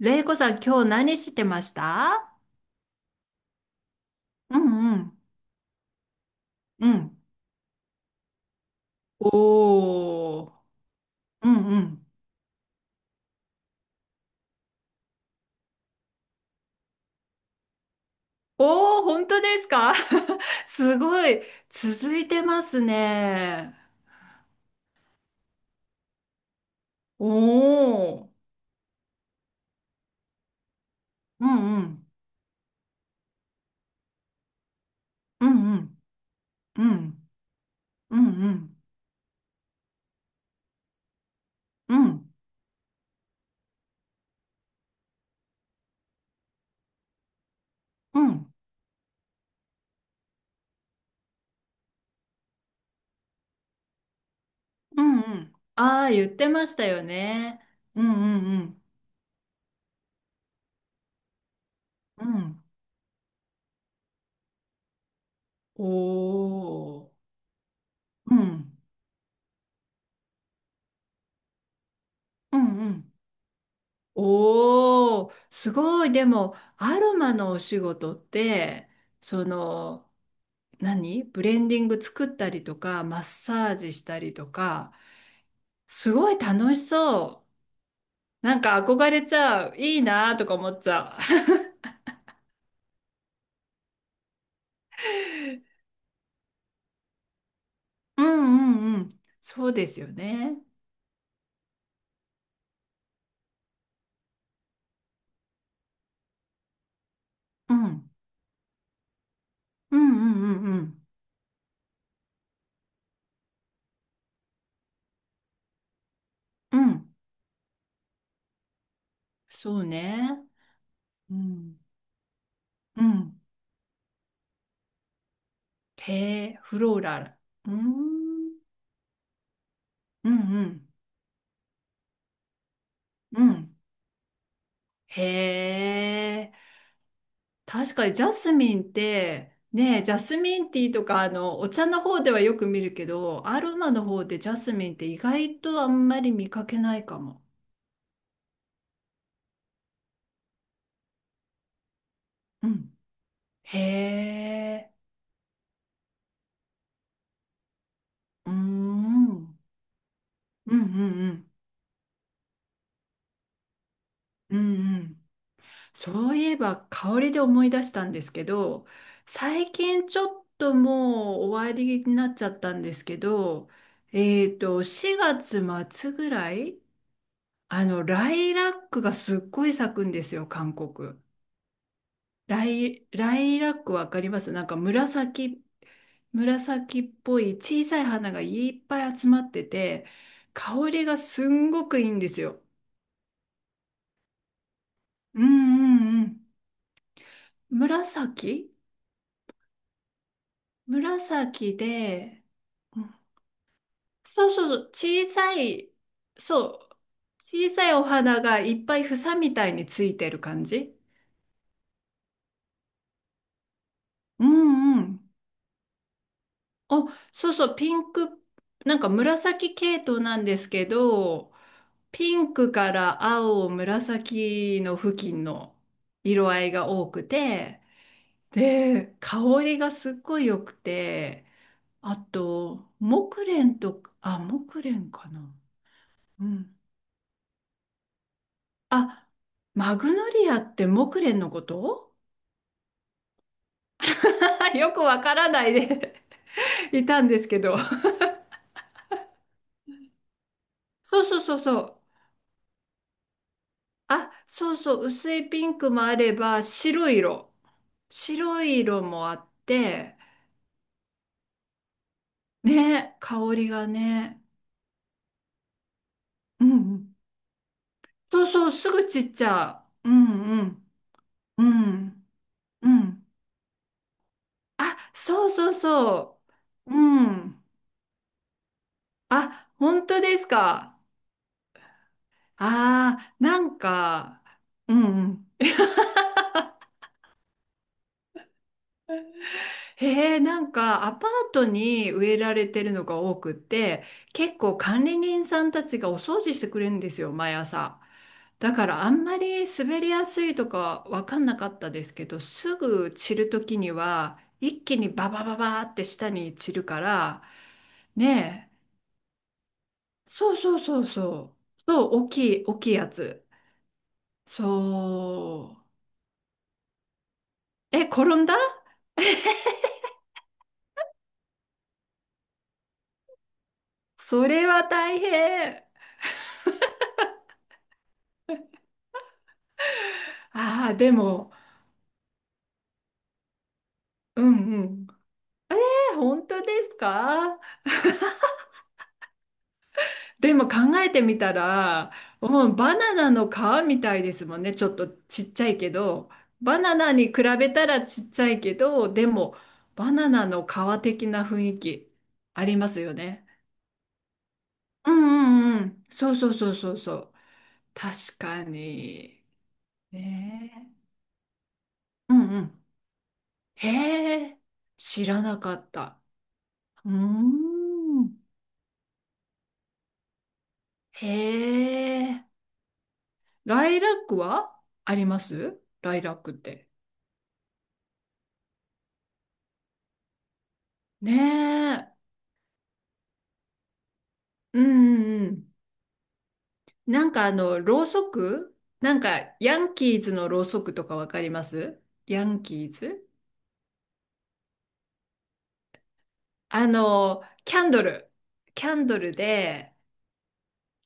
れいこさん、今日何してました？うんうん。うん。おー。うんうん。おー、本当ですか？ すごい。続いてますね。おー。うんうん。うんうん。うん。うんうん。うん。うん。うんうん。ああー、言ってましたよね。うんうんうん。うん。おー。うん。うんうん。おー、すごい。でも、アロマのお仕事って、その、何ブレンディング作ったりとか、マッサージしたりとか、すごい楽しそう。なんか憧れちゃう。いいなーとか思っちゃう。うんうんうん。そうですよね。うん。うんうんうんうん。うん。そうね。うん。うん。へえ、フローラル。うーん。うんうん。うん。へえ。確かにジャスミンってねえ、ジャスミンティーとかあのお茶の方ではよく見るけど、アロマの方でジャスミンって意外とあんまり見かけないかも。うん。へえ。うーん。うんうんうんうんうん、そういえば香りで思い出したんですけど、最近ちょっともう終わりになっちゃったんですけど、4月末ぐらい、ライラックがすっごい咲くんですよ、韓国。ライ、ライラックわかります？なんか紫、紫っぽい小さい花がいっぱい集まってて、香りがすんごくいいんですよ。うんうんうん。紫。紫で、うん、そうそうそう、小さい、そう、小さいお花がいっぱい房みたいについてる感じ。うんうん。あ、そうそう、ピンク、なんか紫系統なんですけど、ピンクから青、紫の付近の色合いが多くて、で、香りがすっごい良くて、あと、木蓮とか、あ、木蓮かな。うん。あ、マグノリアって木蓮のこと？ よくわからないで いたんですけど。そうそうそうそう。あ、そうそう、薄いピンクもあれば、白い色。白い色もあって、ね、香りがね。うんうん。そうそう、すぐ散っちゃう。うんうん。うん。うん。あ、そうそうそう。うん。あ、本当ですか。ああ、なんか、うんうん。へえ、なんかアパートに植えられてるのが多くって、結構管理人さんたちがお掃除してくれるんですよ、毎朝。だからあんまり滑りやすいとかわかんなかったですけど、すぐ散る時には一気にババババーって下に散るから、ねえ、そうそうそうそう、そう、大きい、大きいやつ。そう。え、転んだ？それは大変。ああ、でも、うんうん。本当ですか？でも考えてみたら、もうバナナの皮みたいですもんね。ちょっとちっちゃいけど、バナナに比べたらちっちゃいけど、でもバナナの皮的な雰囲気ありますよね。うんうんうん。そうそうそうそうそう。確かに。ねえ。うんうん。へえ。知らなかった。うーん。へえ。ライラックはあります、ライラックって？ねえ。うんうんうん。なんかろうそく、なんか、ヤンキーズのろうそくとかわかります？ヤンキーズ、キャンドル。キャンドルで、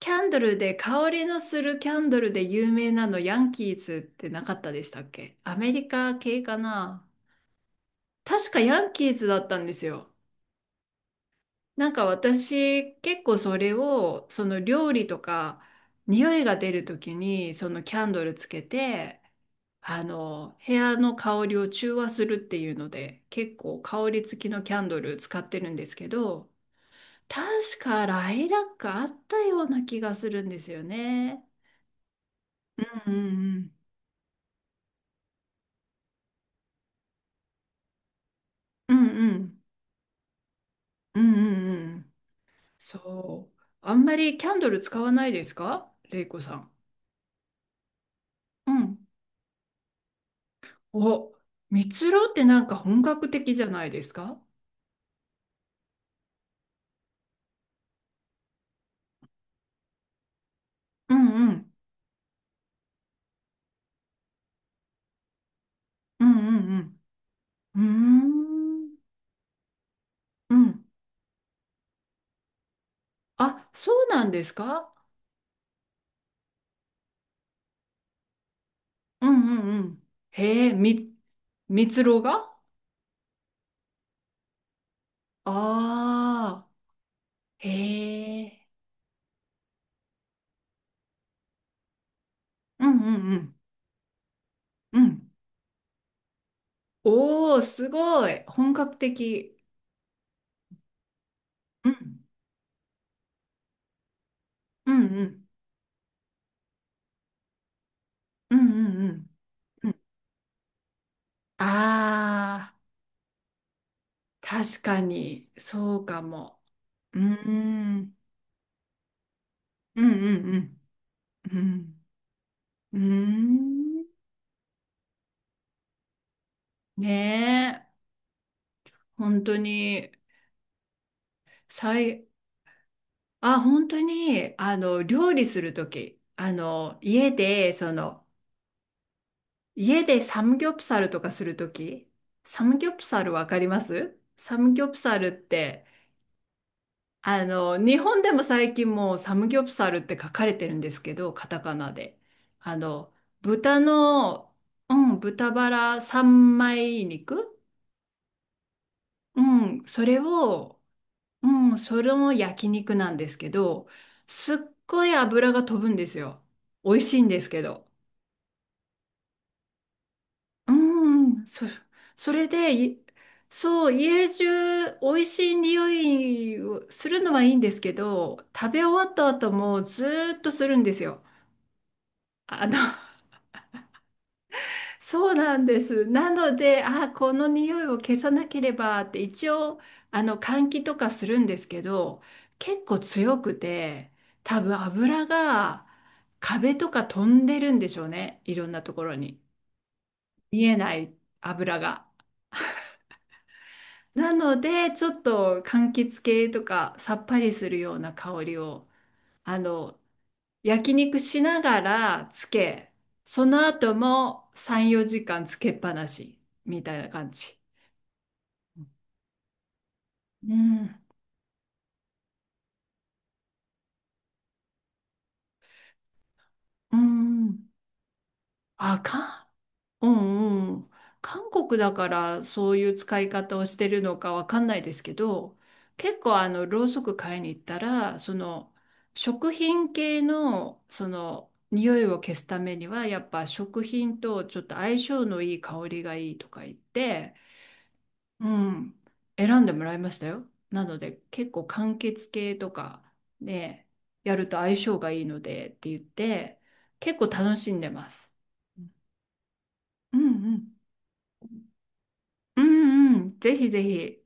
キャンドルで香りのするキャンドルで有名なのヤンキーズってなかったでしたっけ？アメリカ系かな。確かヤンキーズだったんですよ。なんか私結構それをその料理とか匂いが出る時にそのキャンドルつけて、あの部屋の香りを中和するっていうので結構香り付きのキャンドル使ってるんですけど、確かライラックあったような気がするんですよね。うんうんうんうんうんうんうんうん、そう、あんまりキャンドル使わないですか、レイコさん？うん、お、蜜ろうってなんか本格的じゃないですか？うんうん。うんうんうん。うーん。うん。あ、そうなんですか？うんうんうん。へえ、み、蜜ろうが？ああー、へえ。うんうんうん。うん。おー、すごい。本格的。うん。うんうん。うんうんうん。ああ、確かに、そうかも。うーん。うんうんうん。うん、うーん。ねえ、本当に、さい、あ、本当に、料理するとき、家で、家でサムギョプサルとかするとき、サムギョプサルわかります？サムギョプサルって、日本でも最近もうサムギョプサルって書かれてるんですけど、カタカナで。あの、豚の、うん、豚バラ三枚肉、うん、それを、うん、それも焼肉なんですけど、すっごい油が飛ぶんですよ。美味しいんですけど。うん、そ、それで、い、そう、家中美味しい匂いをするのはいいんですけど、食べ終わった後もずーっとするんですよ。あの、そうなんです。なので、あ、この匂いを消さなければって一応、換気とかするんですけど、結構強くて、多分油が壁とか飛んでるんでしょうね。いろんなところに。見えない油が。なので、ちょっと柑橘系とかさっぱりするような香りを、あの、焼肉しながらつけ、その後も3、4時間つけっぱなしみたいな感じ。うん、うん。あ、か、うんうん。韓国だからそういう使い方をしてるのかわかんないですけど、結構ろうそく買いに行ったら、食品系の、匂いを消すためには、やっぱ食品とちょっと相性のいい香りがいいとか言って、うん、選んでもらいましたよ。なので結構完結系とかでやると相性がいいのでって言って結構楽しんでます。うんうん。うんうん。ぜひぜひ。